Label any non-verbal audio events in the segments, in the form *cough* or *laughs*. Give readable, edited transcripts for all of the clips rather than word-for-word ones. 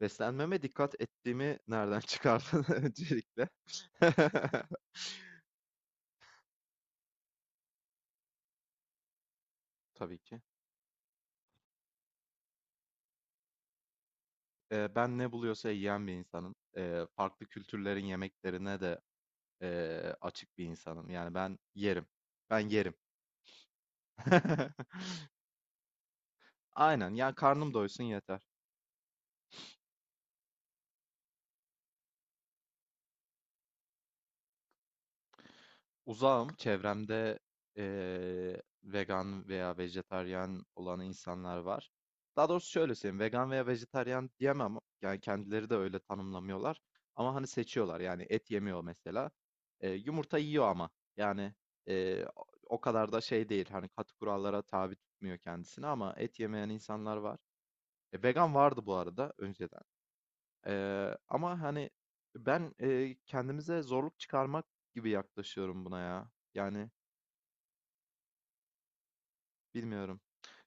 Beslenmeme dikkat ettiğimi nereden çıkardın *laughs* öncelikle? *laughs* Tabii ki. Ben ne buluyorsa yiyen bir insanım. Farklı kültürlerin yemeklerine de açık bir insanım. Yani ben yerim. Ben yerim. *laughs* Aynen. Yani karnım doysun yeter. Uzağım. Çevremde vegan veya vejetaryen olan insanlar var. Daha doğrusu şöyle söyleyeyim. Vegan veya vejetaryen diyemem. Yani kendileri de öyle tanımlamıyorlar. Ama hani seçiyorlar. Yani et yemiyor mesela. Yumurta yiyor ama. Yani eee, o o kadar da şey değil. Hani katı kurallara tabi tutmuyor kendisini ama et yemeyen insanlar var. E, vegan vardı bu arada önceden. Ama hani ben kendimize zorluk çıkarmak gibi yaklaşıyorum buna ya. Yani bilmiyorum.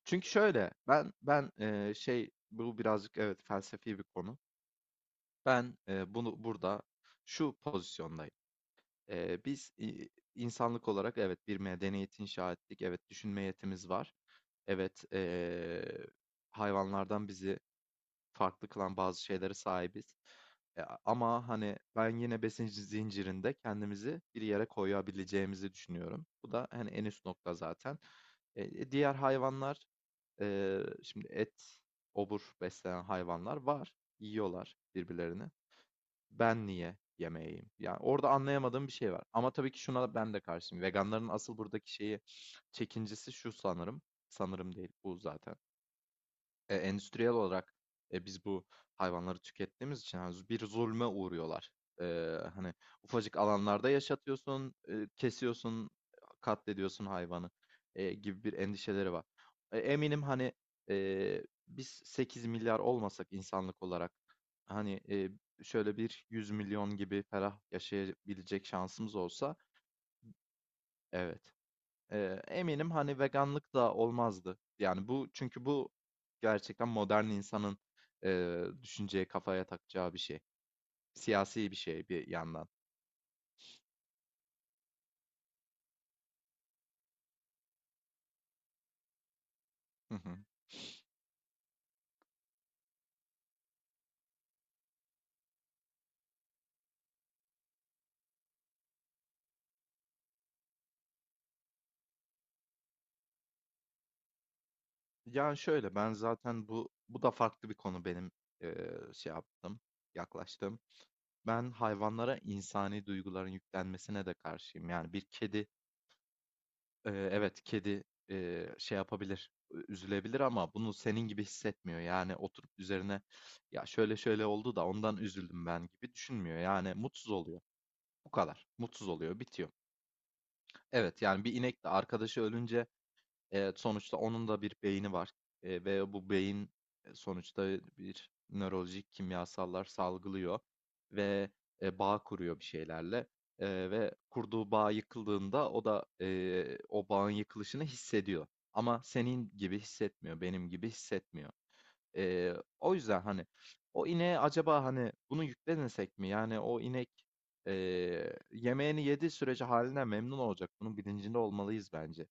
Çünkü şöyle, ben, bu birazcık evet felsefi bir konu. Ben, bunu burada şu pozisyondayım. Biz, insanlık olarak evet bir medeniyet inşa ettik. Evet, düşünme yetimiz var. Evet, hayvanlardan bizi farklı kılan bazı şeylere sahibiz. Ama hani ben yine besin zincirinde kendimizi bir yere koyabileceğimizi düşünüyorum. Bu da hani en üst nokta zaten. Diğer hayvanlar, şimdi et, obur besleyen hayvanlar var. Yiyorlar birbirlerini. Ben niye yemeyeyim? Yani orada anlayamadığım bir şey var. Ama tabii ki şuna ben de karşıyım. Veganların asıl buradaki şeyi, çekincesi şu sanırım. Sanırım değil, bu zaten e, endüstriyel olarak e, biz bu hayvanları tükettiğimiz için hani bir zulme uğruyorlar. E, hani ufacık alanlarda yaşatıyorsun, e, kesiyorsun, katlediyorsun hayvanı e, gibi bir endişeleri var. E, eminim hani e, biz 8 milyar olmasak insanlık olarak hani e, şöyle bir 100 milyon gibi ferah yaşayabilecek şansımız olsa evet. Eminim, hani, veganlık da olmazdı. Yani, çünkü bu gerçekten modern insanın, düşünceye, kafaya takacağı bir şey. Siyasi bir şey bir yandan. Hı hı. Ya, şöyle, ben zaten bu da farklı bir konu benim, şey yaptım, yaklaştım. Ben hayvanlara insani duyguların yüklenmesine de karşıyım. Yani, bir kedi. Evet, kedi, şey yapabilir, üzülebilir ama bunu senin gibi hissetmiyor. Yani oturup üzerine, "Ya, şöyle şöyle oldu da ondan üzüldüm ben." gibi düşünmüyor. Yani mutsuz oluyor. Bu kadar. Mutsuz oluyor, bitiyor. Evet, yani bir inek de arkadaşı ölünce, sonuçta onun da bir beyni var, ve bu beyin, sonuçta bir nörolojik kimyasallar salgılıyor ve, bağ kuruyor bir şeylerle, ve kurduğu bağ yıkıldığında o da, o bağın yıkılışını hissediyor ama senin gibi hissetmiyor, benim gibi hissetmiyor. O yüzden, hani, o ineğe acaba, hani, bunu yüklemesek mi? Yani o inek, yemeğini yediği sürece haline memnun olacak. Bunun bilincinde olmalıyız bence.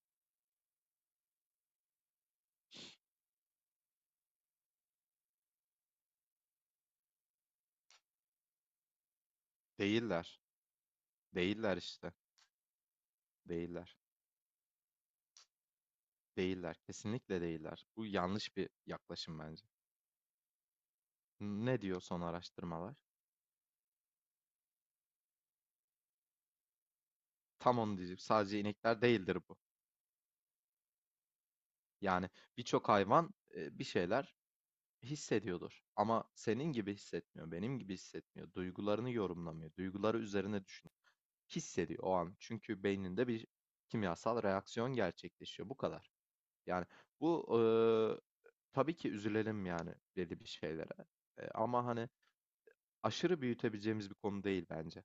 Değiller. Değiller işte. Değiller. Değiller. Kesinlikle değiller. Bu yanlış bir yaklaşım bence. Ne diyor son araştırmalar? Tam onu diyecek. Sadece inekler değildir bu. Yani birçok hayvan e, bir şeyler hissediyordur. Ama senin gibi hissetmiyor, benim gibi hissetmiyor. Duygularını yorumlamıyor. Duyguları üzerine düşünüyor. Hissediyor o an. Çünkü beyninde bir kimyasal reaksiyon gerçekleşiyor. Bu kadar. Yani bu e, tabii ki üzülelim yani belli bir şeylere. E, ama hani aşırı büyütebileceğimiz bir konu değil bence.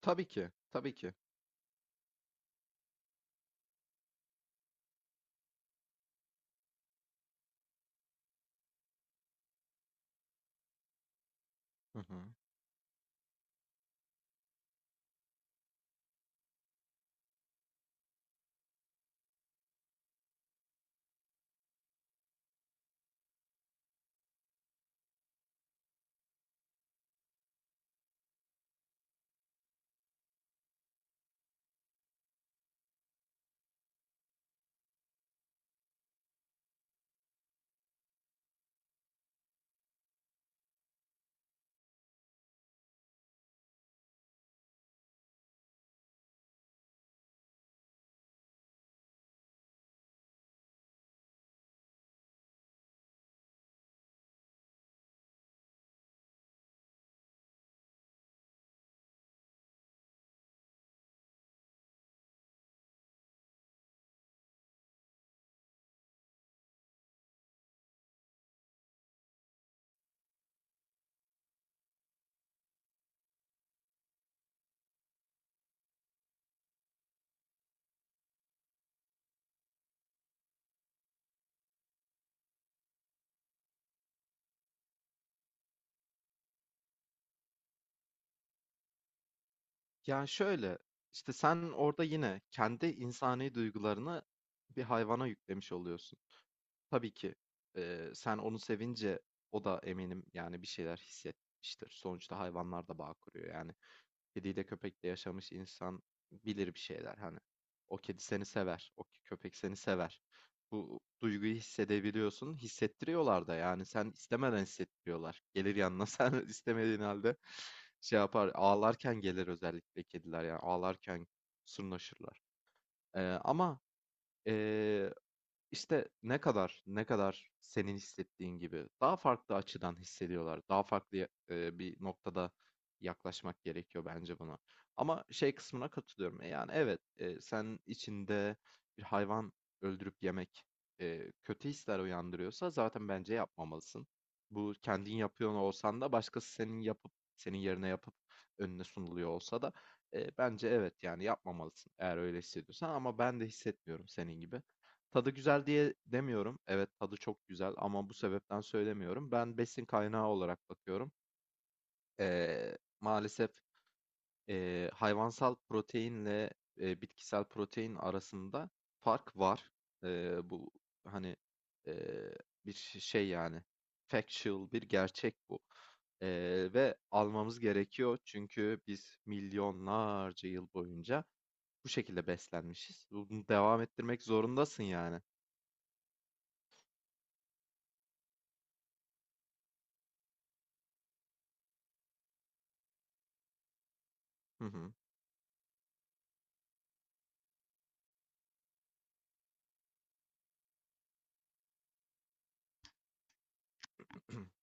Tabii ki, tabii ki. Hı hı. Yani şöyle, işte sen orada yine kendi insani duygularını bir hayvana yüklemiş oluyorsun. Tabii ki sen onu sevince o da eminim yani bir şeyler hissetmiştir. Sonuçta hayvanlar da bağ kuruyor yani. Kediyle köpekle yaşamış insan bilir bir şeyler hani. O kedi seni sever, o köpek seni sever. Bu duyguyu hissedebiliyorsun, hissettiriyorlar da yani sen istemeden hissettiriyorlar. Gelir yanına *laughs* sen istemediğin halde şey yapar, ağlarken gelir özellikle kediler, yani ağlarken sırnaşırlar. Ama işte ne kadar, ne kadar senin hissettiğin gibi daha farklı açıdan hissediyorlar. Daha farklı e, bir noktada yaklaşmak gerekiyor bence buna. Ama şey kısmına katılıyorum. E, yani evet, e, sen içinde bir hayvan öldürüp yemek e, kötü hisler uyandırıyorsa zaten bence yapmamalısın. Bu kendin yapıyor olsan da, başkası senin yerine yapıp önüne sunuluyor olsa da e, bence evet yani yapmamalısın eğer öyle hissediyorsan, ama ben de hissetmiyorum senin gibi. Tadı güzel diye demiyorum. Evet, tadı çok güzel ama bu sebepten söylemiyorum. Ben besin kaynağı olarak bakıyorum. Maalesef hayvansal proteinle bitkisel protein arasında fark var. Bu hani eee, bir şey yani factual bir gerçek bu. Ve almamız gerekiyor çünkü biz milyonlarca yıl boyunca bu şekilde beslenmişiz. Bunu devam ettirmek zorundasın yani. Hı hı. *clears throat*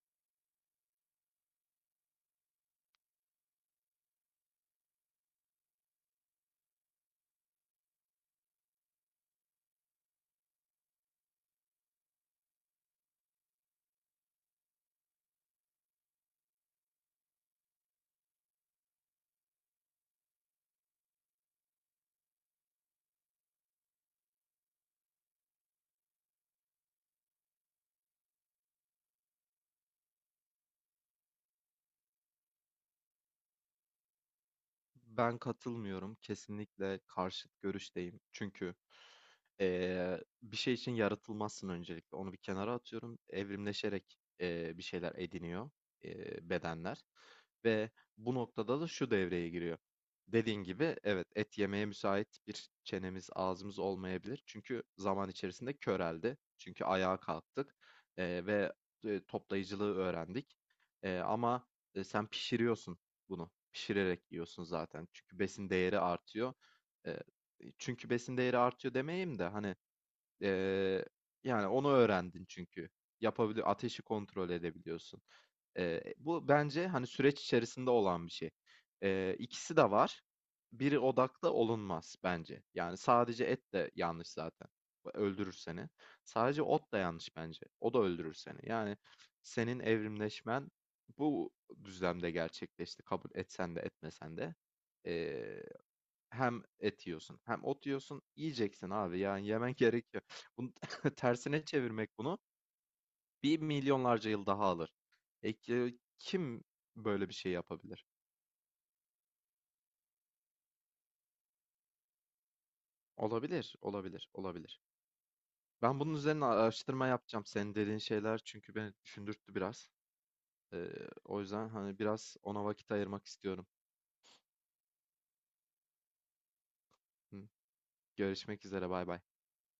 Ben katılmıyorum. Kesinlikle karşıt görüşteyim. Çünkü bir şey için yaratılmazsın öncelikle. Onu bir kenara atıyorum. Evrimleşerek bir şeyler ediniyor bedenler. Ve bu noktada da şu devreye giriyor. Dediğin gibi evet et yemeye müsait bir çenemiz, ağzımız olmayabilir. Çünkü zaman içerisinde köreldi. Çünkü ayağa kalktık ve e, toplayıcılığı öğrendik. Ama e, sen pişiriyorsun bunu. Pişirerek yiyorsun zaten. Çünkü besin değeri artıyor. Eee, Çünkü besin değeri artıyor demeyeyim de hani, eee, yani onu öğrendin çünkü. Ateşi kontrol edebiliyorsun. Bu bence, hani, süreç içerisinde olan bir şey. İkisi de var. Biri odaklı olunmaz bence. Yani, sadece et de yanlış zaten. Öldürür seni. Sadece ot da yanlış bence. O da öldürür seni. Yani, senin evrimleşmen bu düzlemde gerçekleşti, kabul etsen de etmesen de. Eee, Hem et yiyorsun hem ot yiyorsun. Yiyeceksin abi, yani, yemen gerekiyor. Bunun *laughs* tersine çevirmek bunu bir milyonlarca yıl daha alır. E, kim böyle bir şey yapabilir? Olabilir, olabilir, olabilir. Ben bunun üzerine araştırma yapacağım. Senin dediğin şeyler çünkü beni düşündürttü biraz. Ee, o yüzden hani biraz ona vakit ayırmak istiyorum. Hı. Görüşmek üzere, bay bay.